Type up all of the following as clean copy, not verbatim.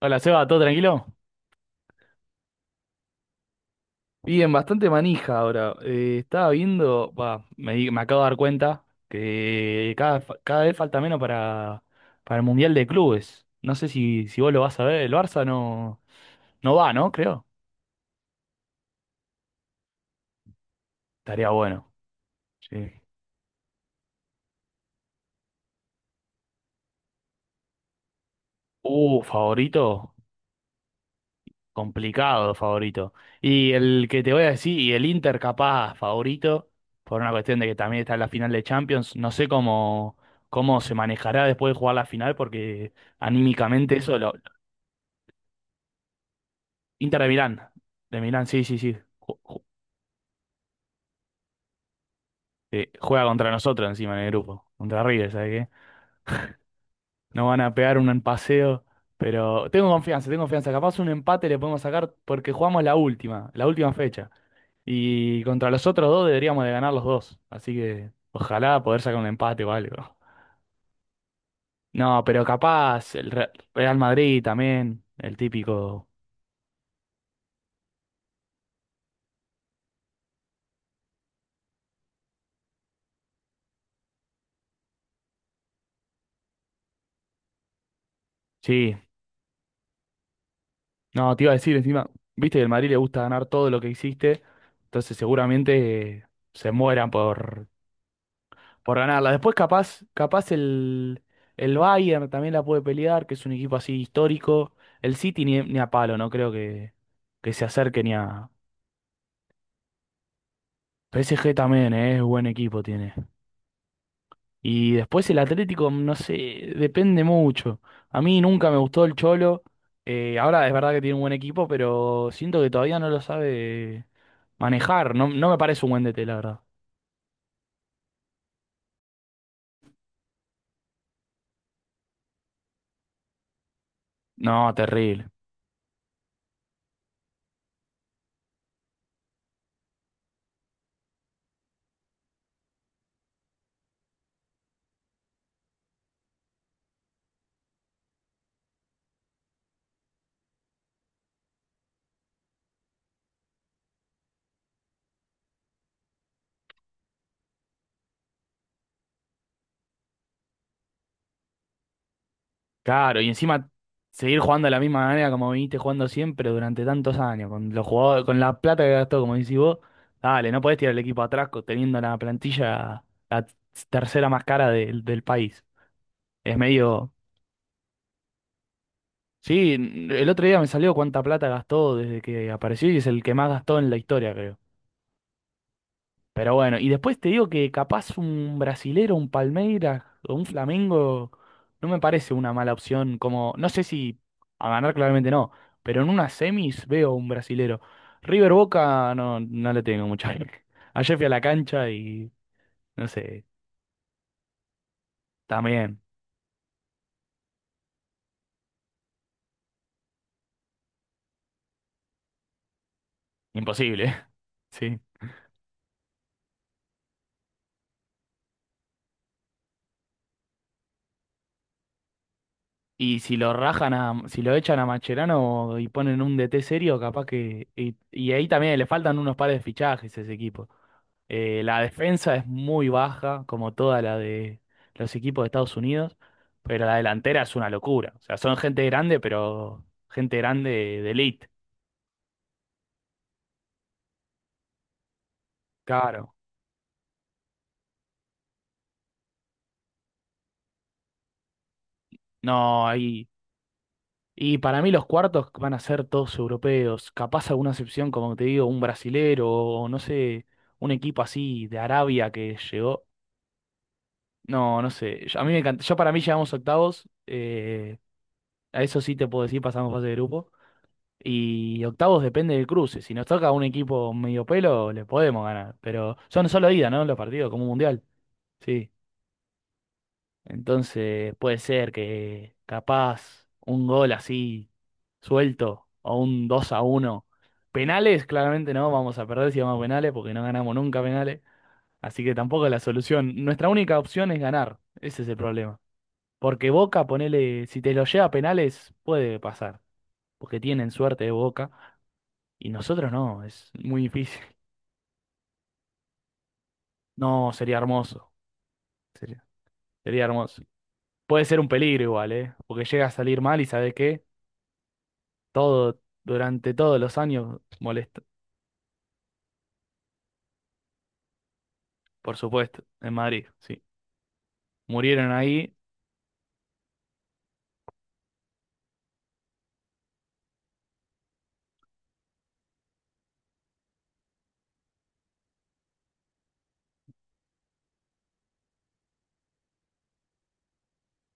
Hola, Seba, ¿todo tranquilo? Bien, bastante manija ahora. Estaba viendo, va, me, me acabo de dar cuenta que cada, cada vez falta menos para el Mundial de Clubes. No sé si vos lo vas a ver, el Barça no, no va, ¿no? Creo. Estaría bueno. Sí. Favorito. Complicado favorito. Y el que te voy a decir, y el Inter capaz favorito, por una cuestión de que también está en la final de Champions, no sé cómo, cómo se manejará después de jugar la final, porque anímicamente eso, lo, Inter de Milán, sí, sí, sí, juega contra nosotros encima en el grupo, contra River, ¿sabes qué? Nos van a pegar un paseo, pero tengo confianza, capaz un empate le podemos sacar porque jugamos la última fecha. Y contra los otros dos deberíamos de ganar los dos. Así que ojalá poder sacar un empate o algo. No, pero capaz Real Madrid también, el típico. Sí, no, te iba a decir encima, viste que el Madrid le gusta ganar todo lo que hiciste, entonces seguramente se mueran por ganarla. Después capaz, capaz el Bayern también la puede pelear, que es un equipo así histórico. El City ni, ni a palo, no creo que se acerque ni a... PSG también, es buen equipo tiene. Y después el Atlético, mm, no sé, depende mucho. A mí nunca me gustó el Cholo. Ahora es verdad que tiene un buen equipo, pero siento que todavía no lo sabe manejar. No, no me parece un buen DT, la verdad. No, terrible. Claro, y encima seguir jugando de la misma manera como viniste jugando siempre durante tantos años, con los jugadores, con la plata que gastó, como decís vos, dale, no podés tirar el equipo atrás teniendo la plantilla la tercera más cara del país. Es medio. Sí, el otro día me salió cuánta plata gastó desde que apareció y es el que más gastó en la historia, creo. Pero bueno, y después te digo que capaz un brasilero, un Palmeiras o un Flamengo no me parece una mala opción. Como, no sé si a ganar claramente no, pero en unas semis veo un brasilero. River Boca no, no le tengo mucha fe. Ayer fui a la cancha y no sé, también, imposible, sí. Y si lo rajan a, si lo echan a Macherano y ponen un DT serio, capaz que. Y ahí también le faltan unos pares de fichajes a ese equipo. La defensa es muy baja, como toda la de los equipos de Estados Unidos, pero la delantera es una locura. O sea, son gente grande, pero gente grande de elite. Claro. No, ahí. Y para mí los cuartos van a ser todos europeos. Capaz alguna excepción, como te digo, un brasilero o no sé, un equipo así de Arabia que llegó. No, no sé. Yo, a mí me encanta. Yo para mí llegamos a octavos. A eso sí te puedo decir, pasamos fase de grupo. Y octavos depende del cruce. Si nos toca un equipo medio pelo, le podemos ganar. Pero son solo ida, ¿no? Los partidos, como un mundial. Sí. Entonces puede ser que capaz un gol así suelto o un 2-1. Penales, claramente no. Vamos a perder si vamos a penales porque no ganamos nunca penales. Así que tampoco es la solución. Nuestra única opción es ganar. Ese es el problema. Porque Boca, ponele, si te lo lleva a penales, puede pasar, porque tienen suerte de Boca, y nosotros no, es muy difícil. No, sería hermoso, sería, sería hermoso. Puede ser un peligro igual, ¿eh? Porque llega a salir mal y ¿sabes qué? Todo, durante todos los años molesta, por supuesto, en Madrid, sí. Murieron ahí,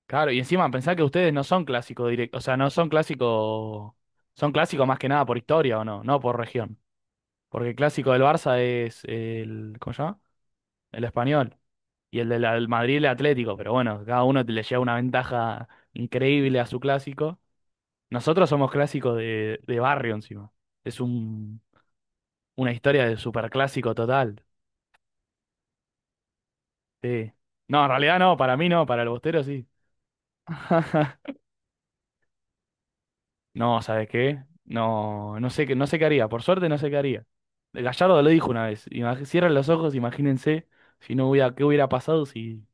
claro, y encima pensá que ustedes no son clásicos directos, o sea, no son clásicos, son clásicos más que nada por historia o no, no por región. Porque el clásico del Barça es el, ¿cómo se llama? El español. Y el del Madrid el Atlético, pero bueno, cada uno le lleva una ventaja increíble a su clásico. Nosotros somos clásicos de barrio encima. Es un, una historia de superclásico total. Sí. No, en realidad no, para mí no, para el Bostero sí. No, ¿sabes qué? No, no sé qué, no sé qué haría. Por suerte no sé qué haría. Gallardo lo dijo una vez. Cierren los ojos, imagínense si no hubiera, qué hubiera pasado si,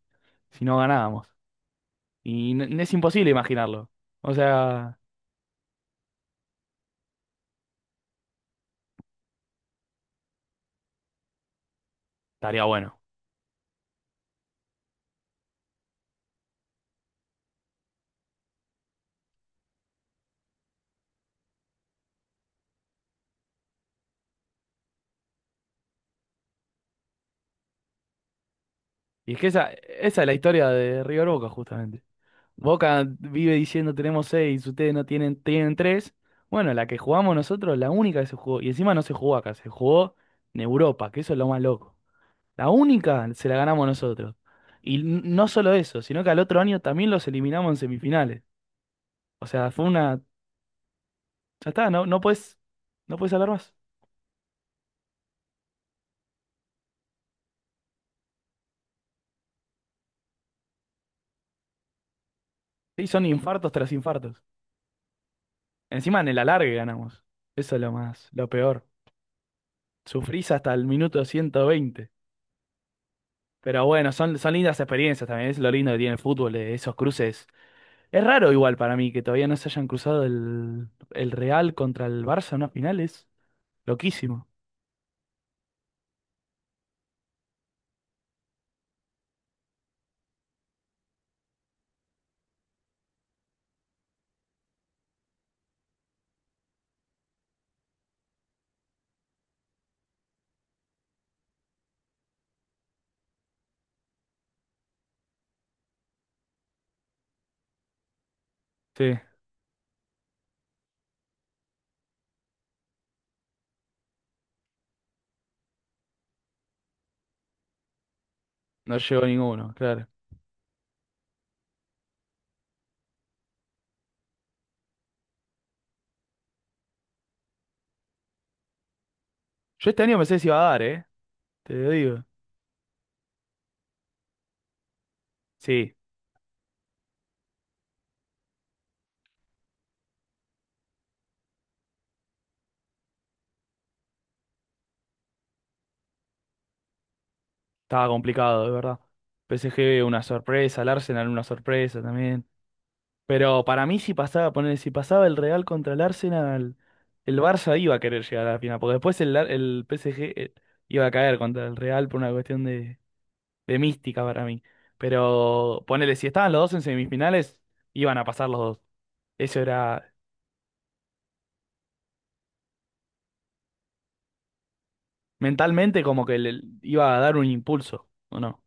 si no ganábamos. Y es imposible imaginarlo. O sea, estaría bueno. Y es que esa es la historia de River Boca, justamente. Boca vive diciendo tenemos seis, ustedes no tienen, tienen tres. Bueno, la que jugamos nosotros, la única que se jugó, y encima no se jugó acá, se jugó en Europa, que eso es lo más loco. La única se la ganamos nosotros. Y no solo eso, sino que al otro año también los eliminamos en semifinales. O sea, fue una. Ya está, no, no puedes, no puedes hablar más. Sí, son infartos tras infartos. Encima en el alargue ganamos. Eso es lo más, lo peor. Sufrís hasta el minuto 120. Pero bueno, son, son lindas experiencias también, es lo lindo que tiene el fútbol, esos cruces. Es raro igual para mí que todavía no se hayan cruzado el Real contra el Barça en una final, es loquísimo. Sí, no llegó ninguno, claro. Yo este año pensé que se iba a dar, ¿eh? Te lo digo. Sí, estaba complicado, de verdad. PSG una sorpresa, el Arsenal una sorpresa también. Pero para mí si pasaba, poner, si pasaba el Real contra el Arsenal, el Barça iba a querer llegar a la final, porque después el, el PSG iba a caer contra el Real por una cuestión de mística para mí. Pero ponele, si estaban los dos en semifinales, iban a pasar los dos. Eso era mentalmente como que le iba a dar un impulso, ¿o no?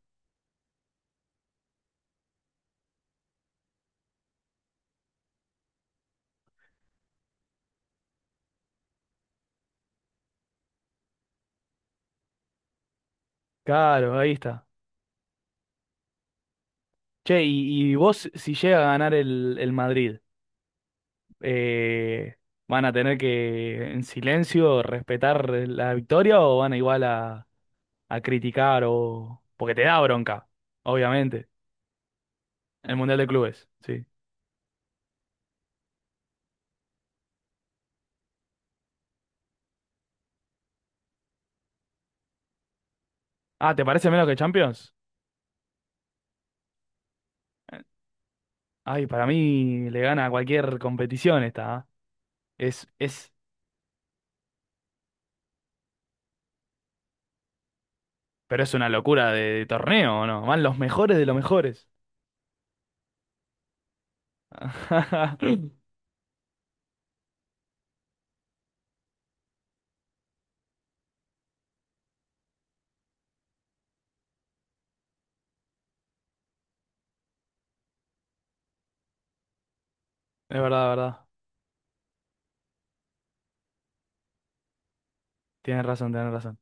Claro, ahí está. Che, y vos, si llega a ganar el Madrid, eh, ¿van a tener que en silencio respetar la victoria o van a igual a criticar o... porque te da bronca, obviamente. El Mundial de Clubes, sí. Ah, ¿te parece menos que Champions? Ay, para mí le gana a cualquier competición esta, ¿ah? Es, pero es una locura de torneo, ¿o no? Van los mejores de los mejores. Es verdad, verdad. Tienes razón, tienes razón.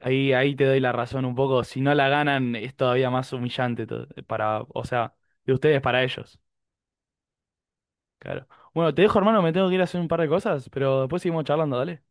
Ahí, ahí te doy la razón un poco. Si no la ganan, es todavía más humillante para, o sea, de ustedes para ellos. Claro. Bueno, te dejo, hermano, me tengo que ir a hacer un par de cosas, pero después seguimos charlando, dale.